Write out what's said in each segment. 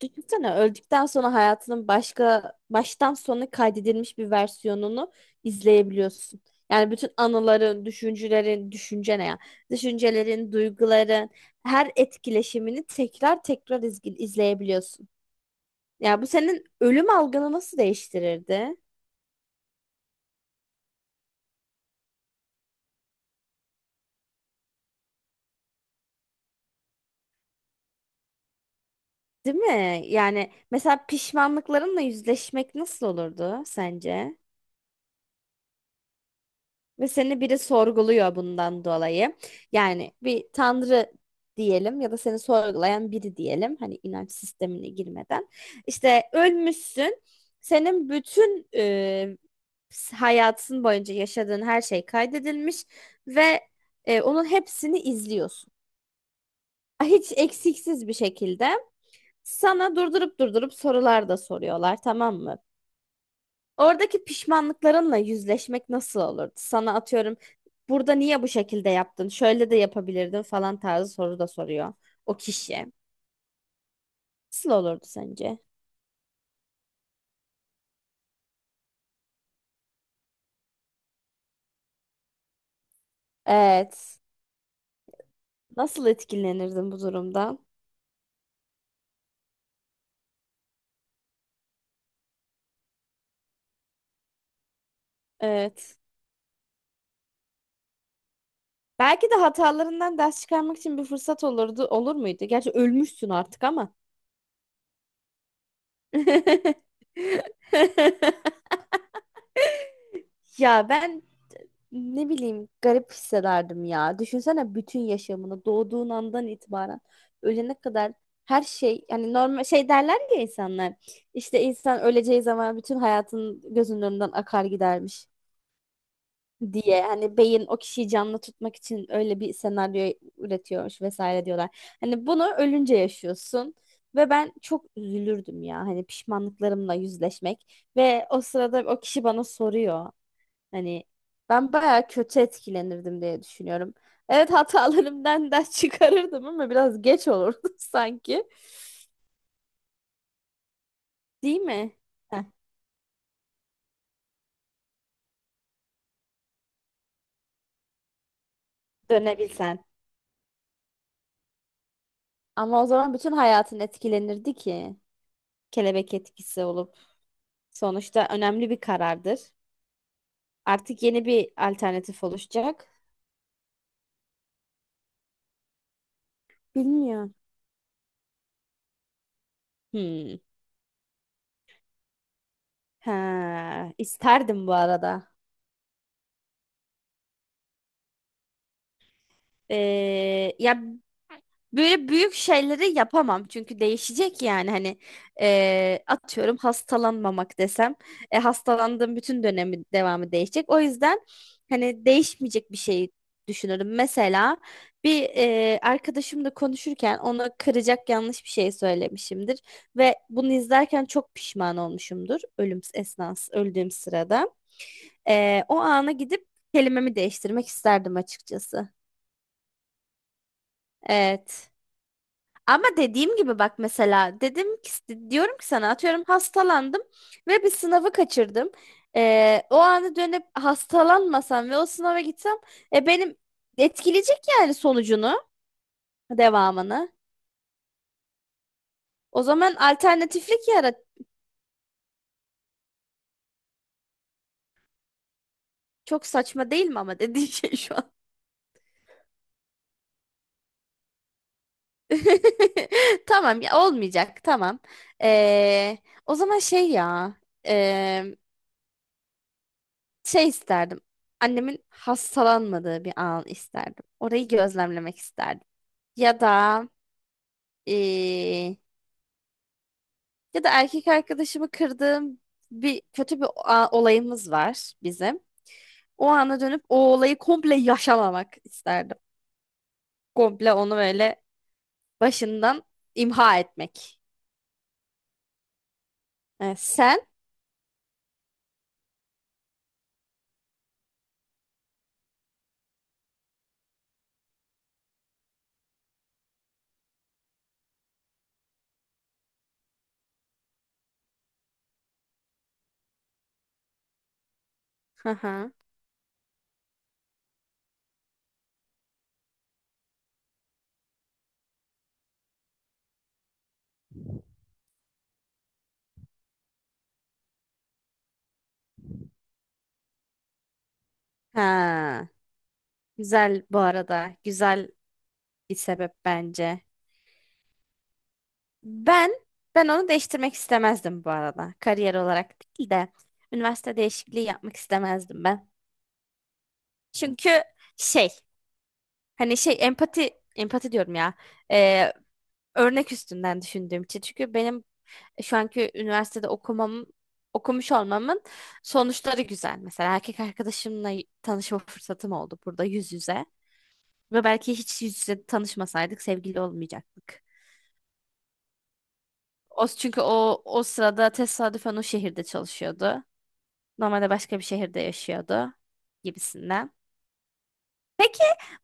Düşünsene, öldükten sonra hayatının başka baştan sona kaydedilmiş bir versiyonunu izleyebiliyorsun. Yani bütün anıların, düşüncelerin, düşünce ne ya? Düşüncelerin, duyguların, her etkileşimini tekrar tekrar izleyebiliyorsun. Ya bu senin ölüm algını nasıl değiştirirdi? Değil mi? Yani mesela pişmanlıklarınla yüzleşmek nasıl olurdu sence? Ve seni biri sorguluyor bundan dolayı. Yani bir tanrı diyelim ya da seni sorgulayan biri diyelim. Hani inanç sistemine girmeden. İşte ölmüşsün. Senin bütün hayatın boyunca yaşadığın her şey kaydedilmiş ve onun hepsini izliyorsun. Hiç eksiksiz bir şekilde sana durdurup durdurup sorular da soruyorlar, tamam mı? Oradaki pişmanlıklarınla yüzleşmek nasıl olurdu? Sana atıyorum, burada niye bu şekilde yaptın? Şöyle de yapabilirdin falan tarzı soru da soruyor o kişi. Nasıl olurdu sence? Evet. Nasıl etkilenirdin bu durumdan? Evet. Belki de hatalarından ders çıkarmak için bir fırsat olurdu. Olur muydu? Gerçi ölmüşsün artık ama. Ya ben, ne bileyim, garip hissederdim ya. Düşünsene bütün yaşamını doğduğun andan itibaren ölene kadar her şey, yani normal, şey derler ya insanlar, işte insan öleceği zaman bütün hayatın gözünün önünden akar gidermiş diye. Hani beyin o kişiyi canlı tutmak için öyle bir senaryo üretiyormuş vesaire diyorlar. Hani bunu ölünce yaşıyorsun ve ben çok üzülürdüm ya, hani pişmanlıklarımla yüzleşmek ve o sırada o kişi bana soruyor. Hani ben bayağı kötü etkilenirdim diye düşünüyorum. Evet, hatalarımdan ders çıkarırdım ama biraz geç olurdu sanki. Değil mi? Heh, dönebilsen. Ama o zaman bütün hayatın etkilenirdi ki. Kelebek etkisi olup. Sonuçta önemli bir karardır. Artık yeni bir alternatif oluşacak. Bilmiyorum. Hmm. Ha, isterdim bu arada. Ya, böyle büyük şeyleri yapamam çünkü değişecek, yani hani atıyorum hastalanmamak desem, hastalandığım bütün dönemi, devamı değişecek. O yüzden hani değişmeyecek bir şey düşünürüm. Mesela bir arkadaşımla konuşurken ona kıracak yanlış bir şey söylemişimdir ve bunu izlerken çok pişman olmuşumdur ölüm esnası, öldüğüm sırada. O ana gidip kelimemi değiştirmek isterdim açıkçası. Evet. Ama dediğim gibi, bak mesela dedim ki, diyorum ki sana, atıyorum hastalandım ve bir sınavı kaçırdım. O anı dönüp hastalanmasam ve o sınava gitsem, benim etkileyecek yani sonucunu, devamını. O zaman alternatiflik yarat. Çok saçma değil mi ama dediğin şey şu an. Tamam ya, olmayacak, tamam. Ee, O zaman şey ya, şey isterdim. Annemin hastalanmadığı bir an isterdim. Orayı gözlemlemek isterdim. Ya da eee, ya da erkek arkadaşımı kırdığım bir kötü bir olayımız var bizim. O ana dönüp o olayı komple yaşamamak isterdim. Komple onu böyle başından imha etmek. Evet, sen? Hı hı. Ha, güzel bu arada. Güzel bir sebep bence. Ben ben onu değiştirmek istemezdim bu arada. Kariyer olarak değil de üniversite değişikliği yapmak istemezdim ben. Çünkü şey, hani şey, empati diyorum ya. Ee, Örnek üstünden düşündüğüm için. Çünkü benim şu anki üniversitede okumuş olmamın sonuçları güzel. Mesela erkek arkadaşımla tanışma fırsatım oldu burada yüz yüze. Ve belki hiç yüz yüze tanışmasaydık sevgili olmayacaktık. O, çünkü o sırada tesadüfen o şehirde çalışıyordu. Normalde başka bir şehirde yaşıyordu gibisinden.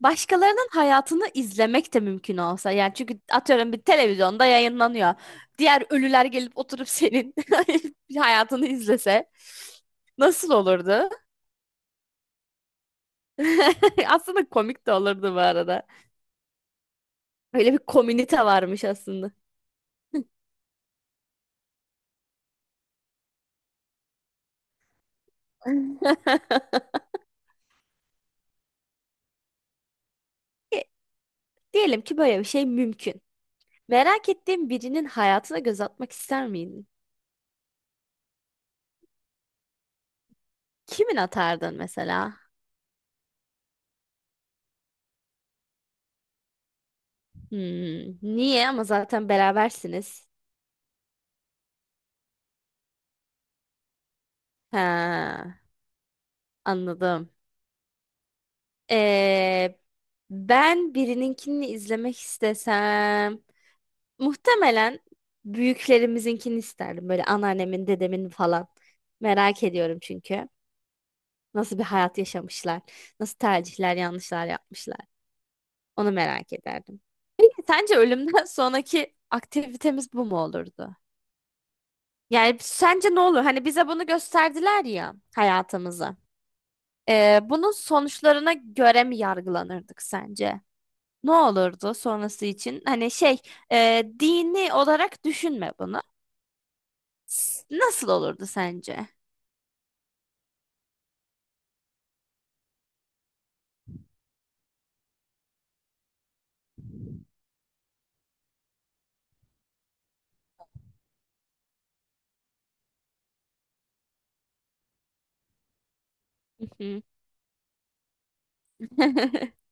Başkalarının hayatını izlemek de mümkün olsa. Yani çünkü atıyorum bir televizyonda yayınlanıyor. Diğer ölüler gelip oturup senin hayatını izlese nasıl olurdu? Aslında komik de olurdu bu arada. Böyle bir komünite varmış aslında. E, Diyelim ki böyle bir şey mümkün. Merak ettiğin birinin hayatına göz atmak ister miydin? Kimin atardın mesela? Hmm, niye? Ama zaten berabersiniz. Ha, anladım. Ee, Ben birininkini izlemek istesem muhtemelen büyüklerimizinkini isterdim. Böyle anneannemin, dedemin falan. Merak ediyorum çünkü. Nasıl bir hayat yaşamışlar? Nasıl tercihler, yanlışlar yapmışlar? Onu merak ederdim. Peki sence ölümden sonraki aktivitemiz bu mu olurdu? Yani sence ne olur? Hani bize bunu gösterdiler ya hayatımızı. Bunun sonuçlarına göre mi yargılanırdık sence? Ne olurdu sonrası için? Hani şey, dini olarak düşünme bunu. Nasıl olurdu sence? Hı hı.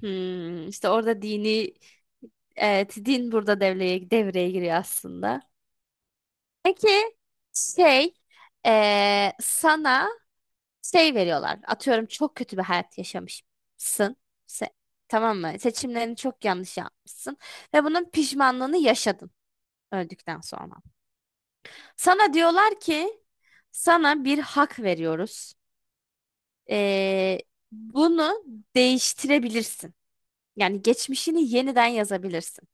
Hmm, işte orada dini, evet, din burada devreye giriyor aslında. Peki şey, sana şey veriyorlar. Atıyorum çok kötü bir hayat yaşamışsın. Se- tamam mı? Seçimlerini çok yanlış yapmışsın ve bunun pişmanlığını yaşadın öldükten sonra. Sana diyorlar ki sana bir hak veriyoruz. Ee, Bunu değiştirebilirsin. Yani geçmişini yeniden yazabilirsin.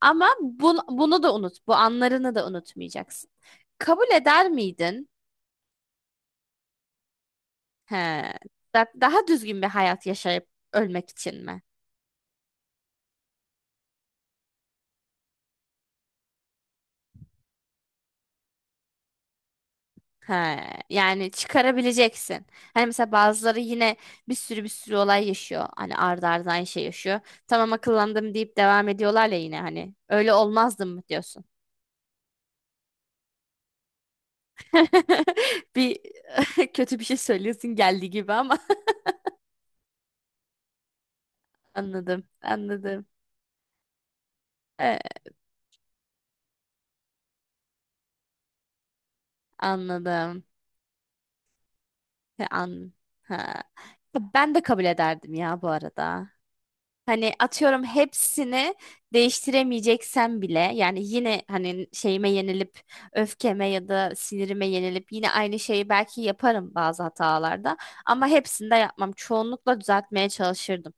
Ama bunu da unut. Bu anlarını da unutmayacaksın. Kabul eder miydin? He, daha düzgün bir hayat yaşayıp ölmek için mi? Ha, yani çıkarabileceksin. Hani mesela bazıları yine bir sürü olay yaşıyor. Hani ardı ardına aynı şey yaşıyor. Tamam akıllandım deyip devam ediyorlar ya yine hani. Öyle olmazdım mı diyorsun? Bir kötü bir şey söylüyorsun geldiği gibi ama. Anladım. Anladım. Ee, Anladım. Ha, An ha. Ben de kabul ederdim ya bu arada. Hani atıyorum hepsini değiştiremeyeceksen bile, yani yine hani şeyime yenilip, öfkeme ya da sinirime yenilip yine aynı şeyi belki yaparım bazı hatalarda ama hepsini de yapmam. Çoğunlukla düzeltmeye çalışırdım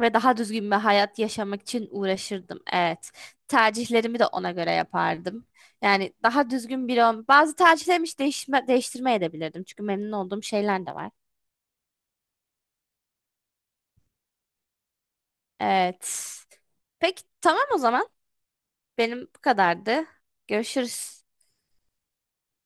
ve daha düzgün bir hayat yaşamak için uğraşırdım. Evet. Tercihlerimi de ona göre yapardım. Yani daha düzgün biri bazı tercihlerimi hiç değiştirmeye de bilirdim. Çünkü memnun olduğum şeyler de var. Evet. Peki tamam o zaman. Benim bu kadardı. Görüşürüz.